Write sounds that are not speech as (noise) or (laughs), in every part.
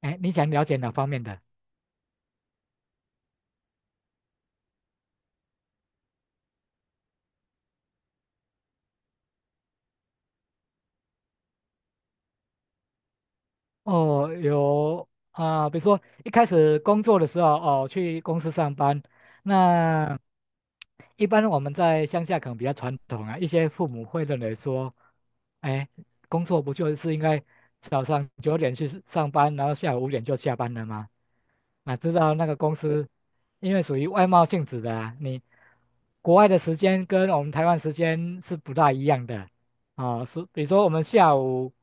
哎，你想了解哪方面的？哦，有啊。比如说一开始工作的时候，哦，去公司上班，那一般我们在乡下可能比较传统啊，一些父母会认为说，哎，工作不就是应该早上9点去上班，然后下午五点就下班了吗？啊，知道那个公司，因为属于外贸性质的啊，你国外的时间跟我们台湾时间是不大一样的。啊，是比如说我们下午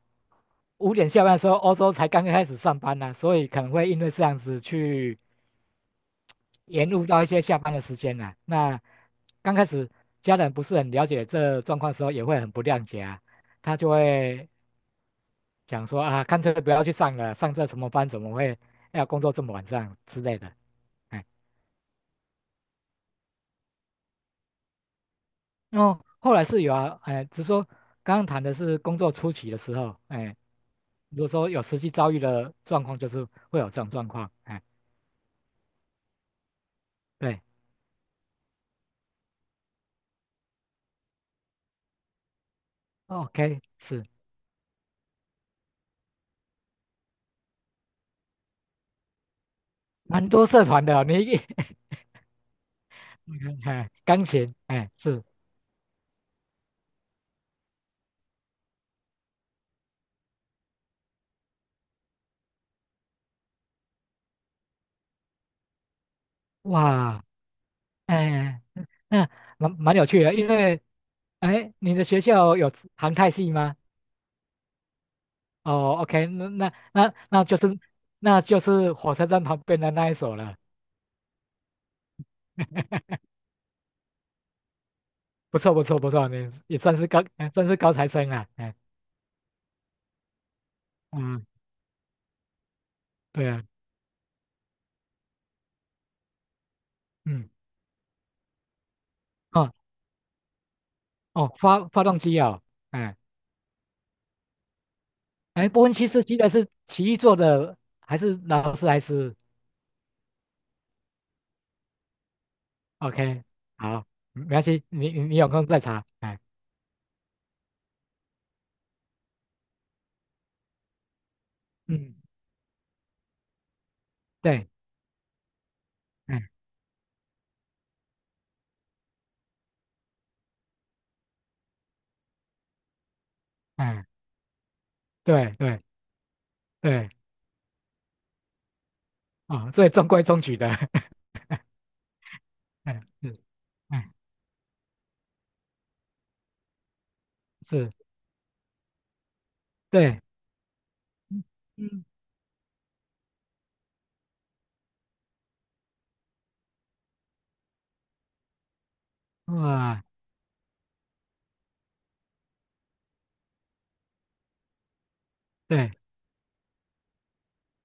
五点下班的时候，欧洲才刚刚开始上班呢，所以可能会因为这样子去延误到一些下班的时间呢。那刚开始家人不是很了解这状况的时候，也会很不谅解啊，他就会讲说啊，干脆不要去上了，上这什么班怎么会要工作这么晚上之类的。哎，哦，后来是有啊。哎，只是说刚刚谈的是工作初期的时候，哎，如果说有实际遭遇的状况，就是会有这种状况。哎，对，OK，是蛮多社团的哦，你一 (laughs) 哎，钢琴，哎，是哇。哎，那蛮有趣的，因为哎，你的学校有航太系吗？哦，OK，那就是那就是火车站旁边的那一所了，(laughs) 不错不错不错，你也算是高哎算是高材生了。哎，嗯，对啊，嗯，哦，哦，发动机哦。哎，哎波音747的是奇异做的还是劳斯莱斯？OK，好，没关系，你有空再查。哎，嗯，对，哎，哎对对对。哦，所以中规中矩的，(laughs) 哎是哎是对。嗯，嗯，哇，对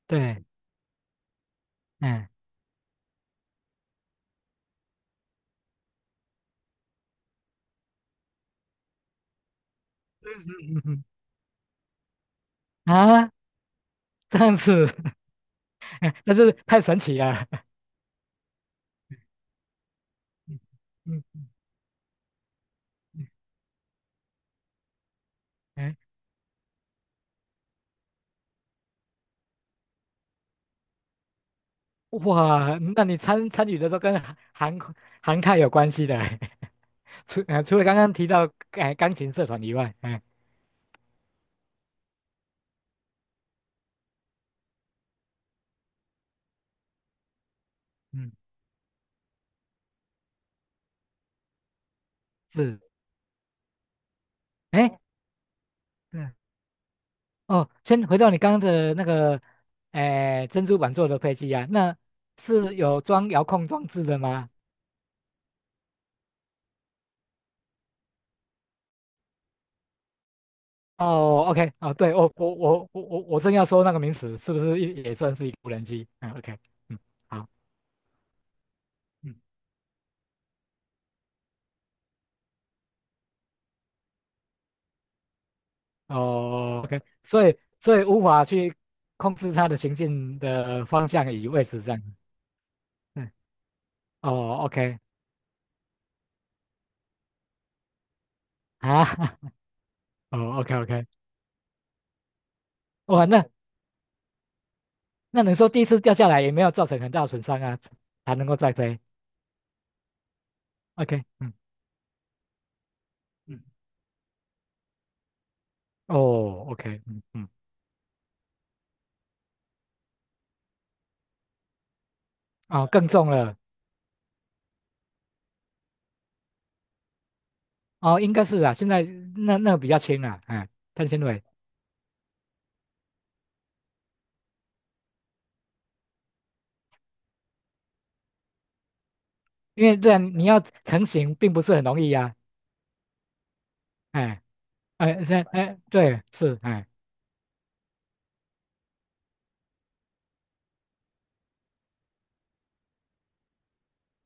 对，嗯嗯嗯嗯啊，这样子。(laughs) 那是太神奇了。嗯嗯嗯，哎，哇，那你参参与的都跟韩泰有关系的。(laughs) 除除了刚刚提到哎钢琴社团以外，哎，嗯，是，哎，对，哦，先回到你刚刚的那个哎珍珠板做的配器啊，那是有装遥控装置的吗？哦，OK，啊，对，我正要说那个名词是不是也也算是一个无人机？嗯，OK，嗯，好，嗯，哦，OK，所以无法去控制它的行进的方向与位置这样子。嗯，哦，OK，啊，(laughs) 哦，OK OK。哇，那那你说第一次掉下来也没有造成很大的损伤啊，还能够再飞？OK，嗯嗯，哦，OK，嗯嗯。哦，更重了。哦，应该是啊，现在那个比较轻啊，哎，碳纤维。因为这样你要成型并不是很容易呀。哎，对是哎，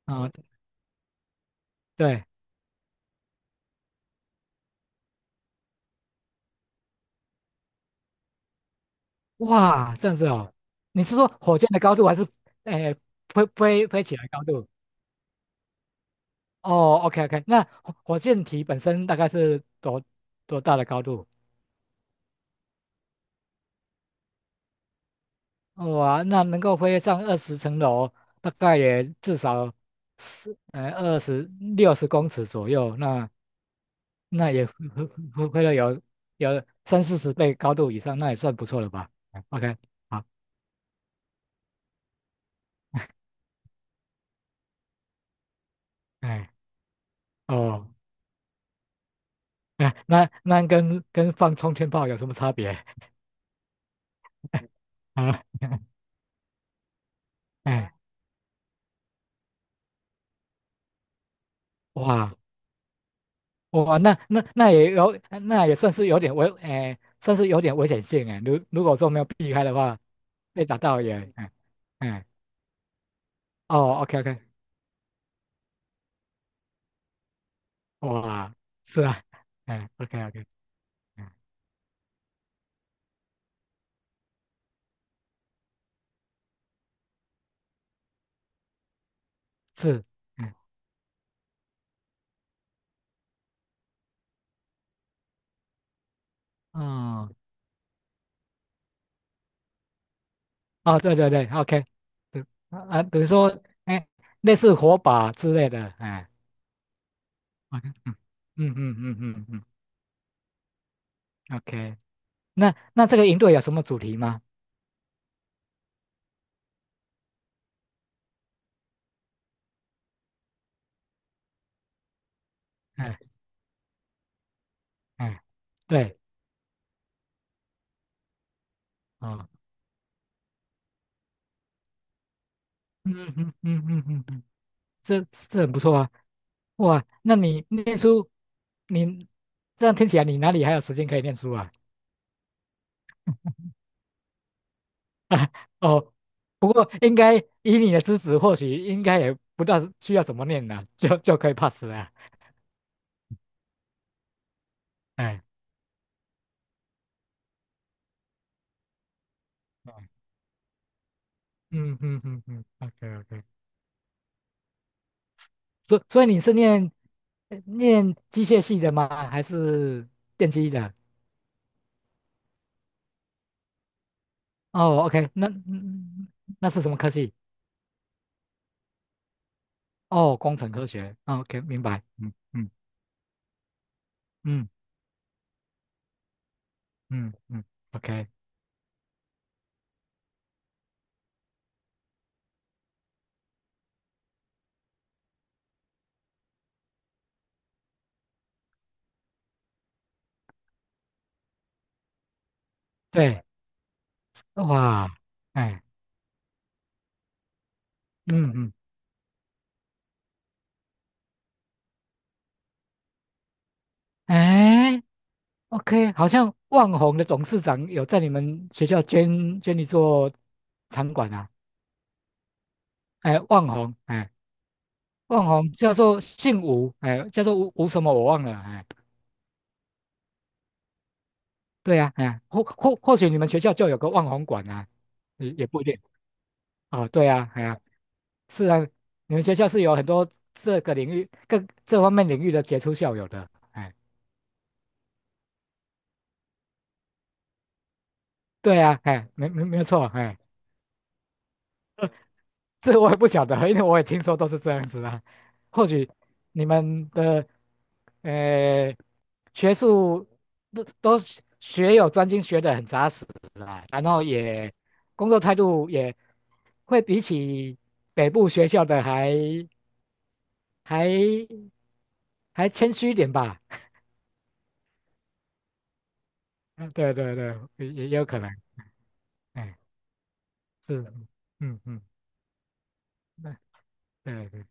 啊对，哇这样子哦。你是说火箭的高度还是哎飞起来的高度？哦，OK OK，那火火箭体本身大概是多多大的高度？哇，那能够飞上20层楼，大概也至少是二十60公尺左右，那那也会到有三四十倍高度以上，那也算不错了吧，嗯？OK，好，哎，哦，哎，那那跟放冲天炮有什么差别？(laughs) 啊，哎，哇，哇那那那也有，那也算是有点危，哎，算是有点危险性哎。如如果说没有避开的话，被打到也，哎，哎，哦，OK OK，哇，是啊，哎，OK OK，嗯，是，嗯，哦。哦，对对对，OK，对啊，啊比如说，哎，类似火把之类的，哎，OK，嗯嗯嗯嗯嗯嗯，OK，那那这个营队有什么主题吗？哎，哎，对，哦，嗯嗯嗯嗯嗯嗯，这这很不错啊。哇，那你念书，你这样听起来，你哪里还有时间可以念书啊？(laughs) 啊，哦，不过应该以你的资质，或许应该也不知道需要怎么念了，就就可以 pass 了啊，哎。哦，嗯嗯嗯嗯，OK OK，所所以你是念念机械系的吗？还是电机的？哦，OK，那嗯那是什么科技？哦，工程科学。哦， OK，明白。嗯嗯嗯嗯嗯，OK，对，哇，哎，嗯嗯，哎，OK，好像万宏的董事长有在你们学校捐一座场馆啊？哎，万宏，哎，万宏叫做姓吴，哎，叫做吴什么我忘了，哎。对呀，哎呀，或或许你们学校就有个望红馆啊，也也不一定啊。对呀，哎呀，是啊，你们学校是有很多这个领域、各这方面领域的杰出校友的。哎，对呀，哎，没有错，哎。(laughs) 这我也不晓得，因为我也听说都是这样子啊。或许你们的呃学术都学有专精，学得很扎实啦，然后也工作态度也会比起北部学校的还还谦虚一点吧。嗯，对对对，也也有可能，哎，是，嗯嗯，那对对，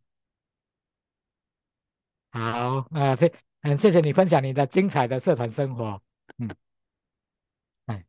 好啊，谢，很谢谢你分享你的精彩的社团生活，嗯，哎。